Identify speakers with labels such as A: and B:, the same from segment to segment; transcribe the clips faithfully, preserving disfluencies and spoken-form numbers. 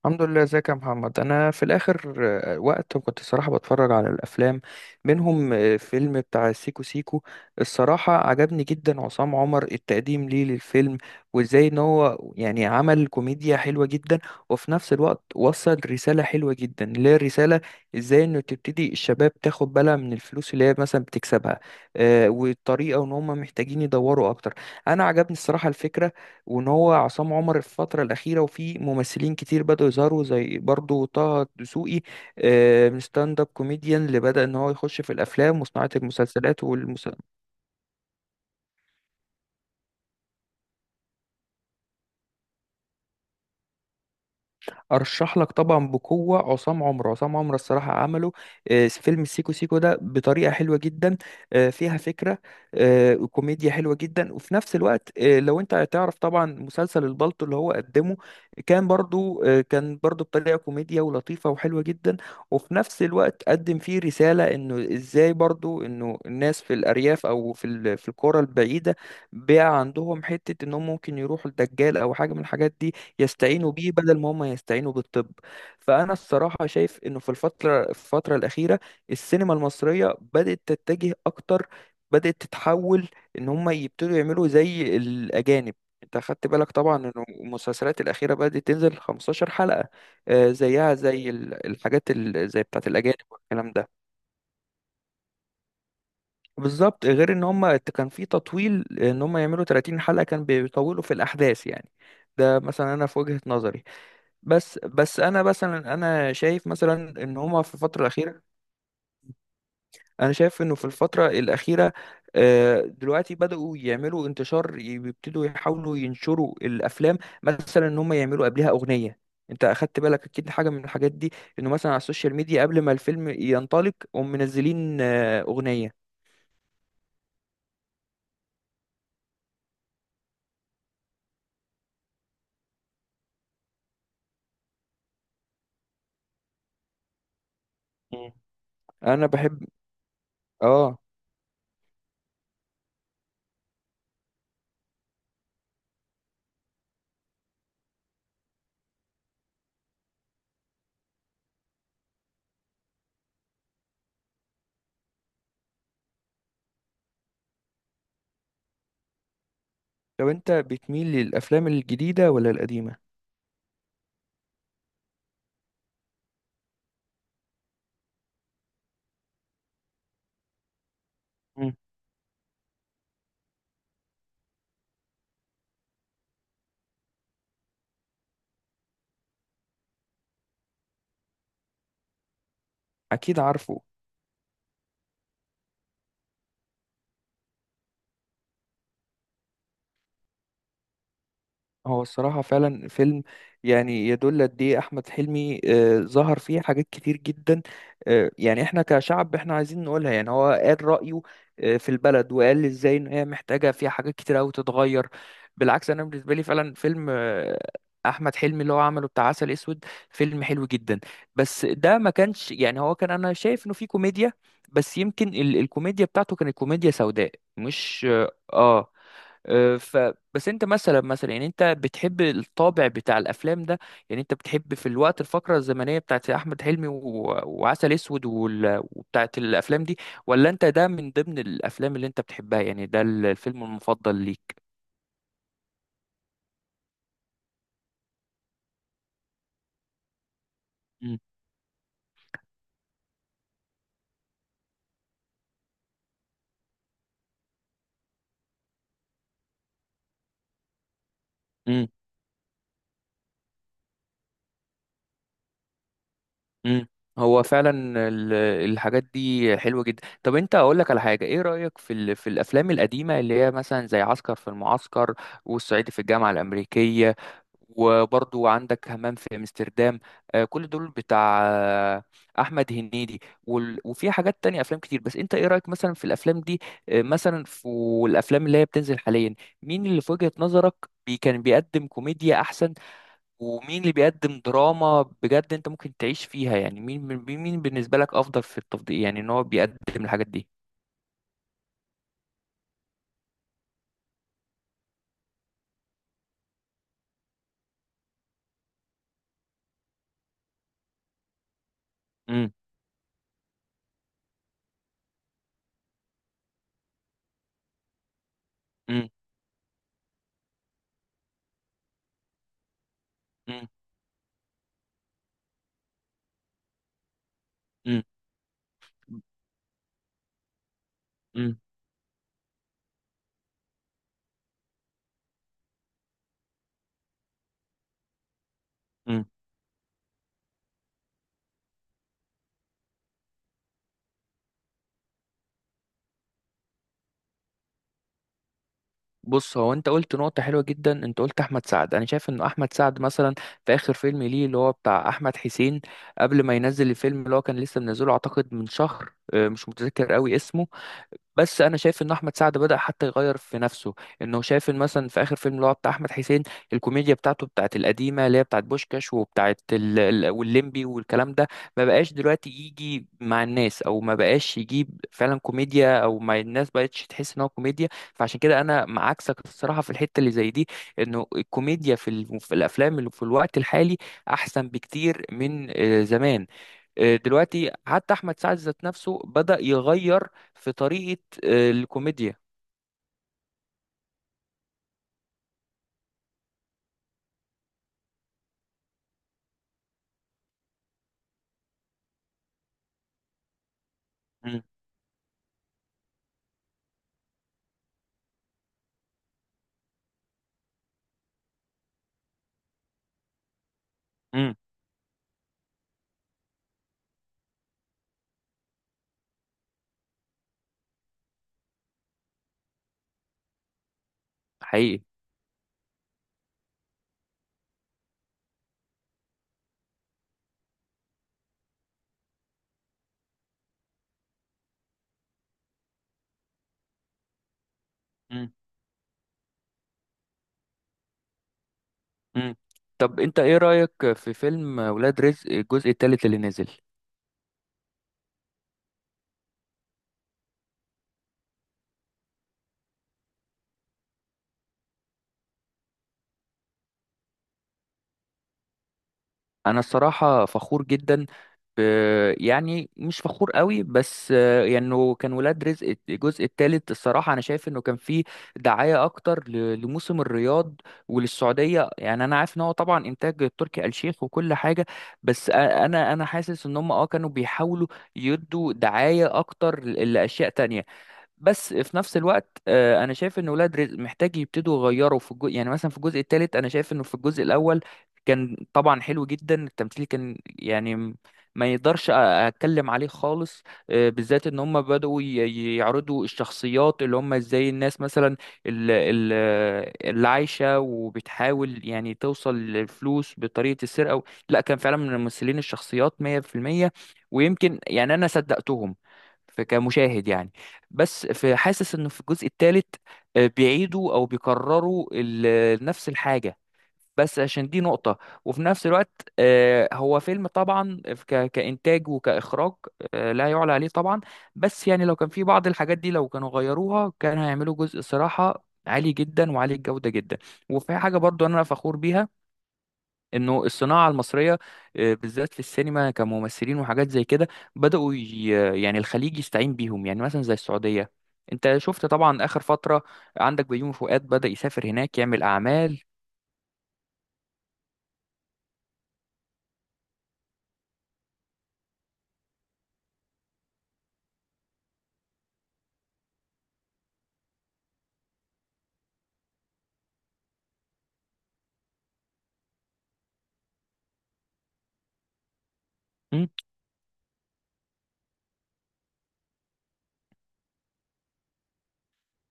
A: الحمد لله ازيك يا محمد انا في الاخر. آه، وقت كنت الصراحه بتفرج على الافلام منهم آه، فيلم بتاع سيكو سيكو. الصراحه عجبني جدا عصام عمر التقديم ليه للفيلم وازاي ان هو يعني عمل كوميديا حلوه جدا، وفي نفس الوقت وصل رساله حلوه جدا اللي هي الرساله، ازاي انه تبتدي الشباب تاخد بالها من الفلوس اللي هي مثلا بتكسبها، آه، والطريقه ان هم محتاجين يدوروا اكتر. انا عجبني الصراحه الفكره، وان هو عصام عمر الفتره الاخيره وفي ممثلين كتير بدأوا يظهروا زي برضو طه دسوقي، آه، من ستاند اب كوميديان اللي بدأ ان هو يخش في الافلام وصناعه المسلسلات والمس... ارشح لك طبعا بقوه عصام عمر، عصام عمر الصراحه عمله آه، فيلم السيكو سيكو ده بطريقه حلوه جدا، آه، فيها فكره، آه، وكوميديا حلوه جدا، وفي نفس الوقت آه، لو انت هتعرف طبعا مسلسل البلطو اللي هو قدمه كان برضو، آه، كان برضو بطريقه كوميديا ولطيفه وحلوه جدا، وفي نفس الوقت قدم فيه رساله انه ازاي برضو انه الناس في الارياف او في ال- في القرى البعيده بقى عندهم حته انهم ممكن يروحوا لدجال او حاجه من الحاجات دي، يستعينوا بيه بدل ما هم يستعينوا بالطب. فأنا الصراحة شايف إنه في الفترة الفترة الأخيرة السينما المصرية بدأت تتجه أكتر، بدأت تتحول، إن هم يبتدوا يعملوا زي الأجانب. أنت خدت بالك طبعا إن المسلسلات الأخيرة بدأت تنزل 15 حلقة، آه، زيها زي ال- الحاجات ال- زي بتاعت الأجانب والكلام ده. بالظبط غير إن هم كان في تطويل، إن هم يعملوا 30 حلقة كان بيطولوا في الأحداث يعني. ده مثلا أنا في وجهة نظري. بس بس انا مثلا انا شايف مثلا ان هما في الفتره الاخيره، انا شايف انه في الفتره الاخيره آه، دلوقتي بداوا يعملوا انتشار، يبتدوا يحاولوا ينشروا الافلام. مثلا ان هما يعملوا قبلها اغنيه، انت اخدت بالك اكيد حاجه من الحاجات دي، انه مثلا على السوشيال ميديا قبل ما الفيلم ينطلق هم منزلين آه، اغنيه. مم. انا بحب. اه، لو انت بتميل للافلام الجديده ولا القديمه؟ مم. اكيد عارفه. هو الصراحة فعلا فيلم يعني يدل قد ايه أحمد حلمي، آه، ظهر فيه حاجات كتير جدا، آه، يعني احنا كشعب احنا عايزين نقولها، يعني هو قال رأيه آه، في البلد وقال ازاي ان هي محتاجة فيها حاجات كتير أوي تتغير. بالعكس أنا بالنسبة لي فعلا فيلم آه، أحمد حلمي اللي هو عمله بتاع عسل أسود فيلم حلو جدا، بس ده ما كانش يعني، هو كان أنا شايف إنه فيه كوميديا بس يمكن ال- الكوميديا بتاعته كانت كوميديا سوداء مش. اه. أه، ف بس انت مثلا، مثلا يعني انت بتحب الطابع بتاع الافلام ده؟ يعني انت بتحب في الوقت الفقره الزمنيه بتاعت احمد حلمي و... وعسل اسود وال... وبتاعت الافلام دي، ولا انت ده من ضمن الافلام اللي انت بتحبها؟ يعني ده الفيلم المفضل ليك؟ مم. مم. هو فعلا ال- الحاجات دي حلوة جدا. طب انت اقول لك على حاجة، ايه رأيك في ال- في الافلام القديمة اللي هي مثلا زي عسكر في المعسكر، والصعيدي في الجامعة الأمريكية، وبرضو عندك همام في امستردام؟ آه، كل دول بتاع آه، احمد هنيدي، وال- وفي حاجات تانية افلام كتير. بس انت ايه رأيك مثلا في الافلام دي؟ آه، مثلا في الافلام اللي هي بتنزل حاليا، مين اللي في وجهة نظرك بي كان بيقدم كوميديا احسن؟ ومين اللي بيقدم دراما بجد انت ممكن تعيش فيها؟ يعني مين مين مين بالنسبة لك افضل في التفضيل، يعني ان هو بيقدم الحاجات دي. امم امم امم امم امم امم. بص هو انت قلت نقطة حلوة جدا، انت قلت احمد سعد، انا شايف ان احمد سعد مثلا في اخر فيلم ليه اللي هو بتاع احمد حسين، قبل ما ينزل الفيلم اللي هو كان لسه منزله اعتقد من شهر، اه، مش متذكر قوي اسمه. بس انا شايف ان احمد سعد بدأ حتى يغير في نفسه، انه شايف ان مثلا في اخر فيلم اللي هو بتاع احمد حسين الكوميديا بتاعته بتاعت القديمه اللي هي بتاعت بوشكاش وبتاعت ال... ال- والليمبي والكلام ده، ما بقاش دلوقتي يجي مع الناس، او ما بقاش يجيب فعلا كوميديا، او ما الناس بقتش تحس ان هو كوميديا. فعشان كده انا مع عكسك الصراحه في الحته اللي زي دي، انه الكوميديا في, ال... في الافلام اللي في الوقت الحالي احسن بكتير من آه، زمان. آه، دلوقتي حتى احمد سعد ذات نفسه بدأ يغير في طريقة آه، الكوميديا. مم. مم. حقيقي. مم. مم. طب انت ايه رأيك في فيلم ولاد رزق الجزء الثالث اللي نزل؟ انا الصراحه فخور جدا ب... يعني مش فخور قوي، بس آه، يعني إنه كان ولاد رزق الجزء الثالث الصراحه انا شايف انه كان فيه دعايه اكتر ل... لموسم الرياض وللسعوديه. يعني انا عارف ان هو طبعا انتاج تركي آل الشيخ وكل حاجه، بس أ- انا انا حاسس ان هم اه كانوا بيحاولوا يدوا دعايه اكتر ل- لاشياء تانية. بس في نفس الوقت آه، انا شايف ان ولاد رزق محتاج يبتدوا يغيروا في الجزء. يعني مثلا في الجزء الثالث انا شايف انه في الجزء الاول كان طبعا حلو جدا، التمثيل كان يعني م- ما يقدرش أ- اتكلم عليه خالص. آه، بالذات ان هم بدأوا ي- ي- يعرضوا الشخصيات اللي هم ازاي الناس مثلا ال- ال- اللي عايشة وبتحاول يعني توصل للفلوس بطريقة السرقة. لا كان فعلا من الممثلين الشخصيات مية في المية، ويمكن يعني انا صدقتهم ف- كمشاهد يعني. بس في حاسس انه في الجزء الثالث بيعيدوا او بيكرروا ال- نفس الحاجه، بس عشان دي نقطة. وفي نفس الوقت آه، هو فيلم طبعا ك- كإنتاج وكإخراج، آه، لا يعلى عليه طبعا. بس يعني لو كان في بعض الحاجات دي لو كانوا غيروها كان هيعملوا جزء صراحة عالي جدا وعالي الجودة جدا. وفي حاجة برضو أنا فخور بيها، انه الصناعه المصريه آه، بالذات في السينما كممثلين وحاجات زي كده، بداوا ي- يعني الخليج يستعين بيهم، يعني مثلا زي السعوديه. انت شفت طبعا اخر فتره عندك بيومي فؤاد بدا يسافر هناك يعمل اعمال.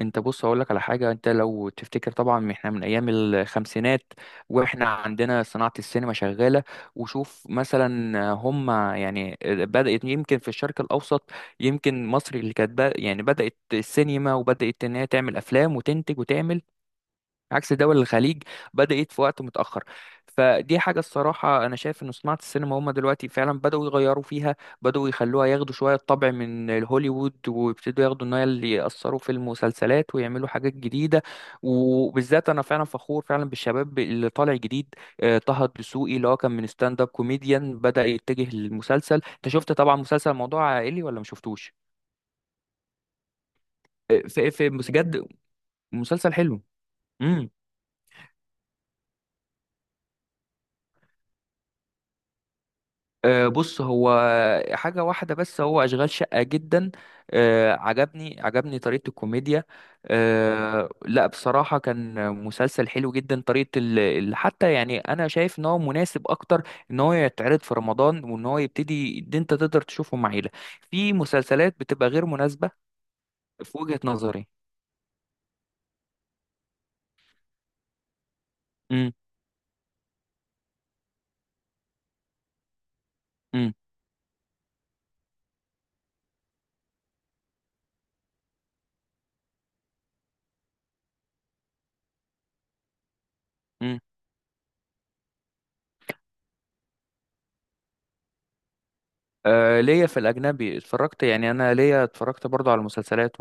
A: انت بص هقول لك على حاجه، انت لو تفتكر طبعا احنا من ايام الخمسينات واحنا عندنا صناعه السينما شغاله. وشوف مثلا هم يعني بدات يمكن في الشرق الاوسط، يمكن مصر اللي كانت بق- يعني بدات السينما وبدات ان هي تعمل افلام وتنتج وتعمل، عكس دول الخليج بدأت في وقت متأخر. فدي حاجة الصراحة أنا شايف إن صناعة السينما هما دلوقتي فعلا بدأوا يغيروا فيها، بدأوا يخلوها ياخدوا شوية طبع من هوليوود ويبتدوا ياخدوا إن هي اللي يأثروا في المسلسلات ويعملوا حاجات جديدة. وبالذات أنا فعلا فخور فعلا بالشباب اللي طالع جديد، آه، طه الدسوقي اللي هو كان من ستاند أب كوميديان بدأ يتجه للمسلسل. أنت شفت طبعا مسلسل موضوع عائلي ولا مشفتوش؟ آه، في في بجد مسلسل حلو. مم. آه، بص هو حاجة واحدة بس، هو أشغال شقة جدا آه، عجبني، عجبني طريقة الكوميديا. آه، لا بصراحة كان مسلسل حلو جدا، طريقة ال... ال- حتى يعني أنا شايف إن هو مناسب أكتر إن هو يتعرض في رمضان، وإن هو يبتدي إن أنت تقدر تشوفه مع عيلة. في مسلسلات بتبقى غير مناسبة في وجهة نظري. امم امم امم. آه، ليا في الأجنبي اتفرجت، يعني أنا ليا اتفرجت برضه على المسلسلات.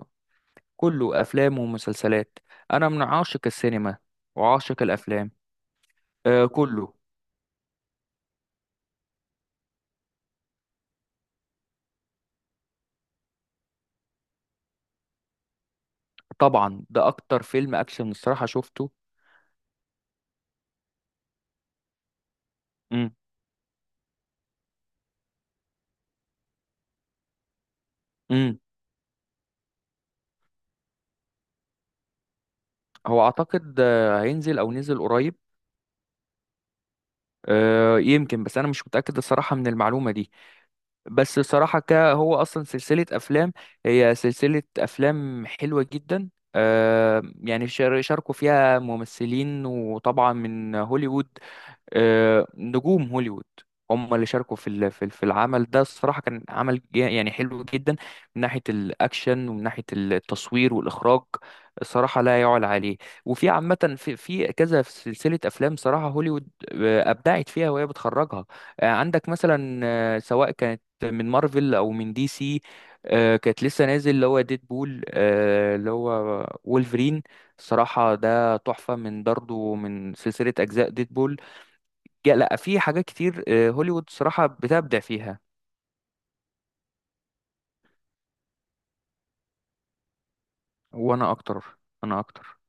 A: كله افلام ومسلسلات، انا من عاشق السينما وعاشق الافلام. آه كله. طبعا ده اكتر فيلم اكشن الصراحه شفته. امم امم. هو اعتقد آه، هينزل او نزل قريب. آه يمكن، بس انا مش متاكد الصراحه من المعلومه دي. بس الصراحه ك هو اصلا سلسله افلام، هي سلسله افلام حلوه جدا. آه يعني شار- شاركوا فيها ممثلين وطبعا من هوليوود، آه، نجوم هوليوود هم اللي شاركوا في ال- في ال- في العمل ده. الصراحة كان عمل جا- يعني حلو جدا، من ناحية الأكشن ومن ناحية التصوير والإخراج الصراحة لا يعلى عليه. وفي عامة في في كذا سلسلة أفلام صراحة هوليوود آه، أبدعت فيها وهي بتخرجها. آه، عندك مثلا آه، سواء كانت من مارفل أو من دي سي، آه، كانت لسه نازل اللي هو ديد بول اللي هو وولفرين، الصراحة ده تحفة من برضه من سلسلة أجزاء ديد بول. جا- لا في حاجات كتير آه، هوليوود صراحة بتبدع فيها. وانا اكتر انا اكتر.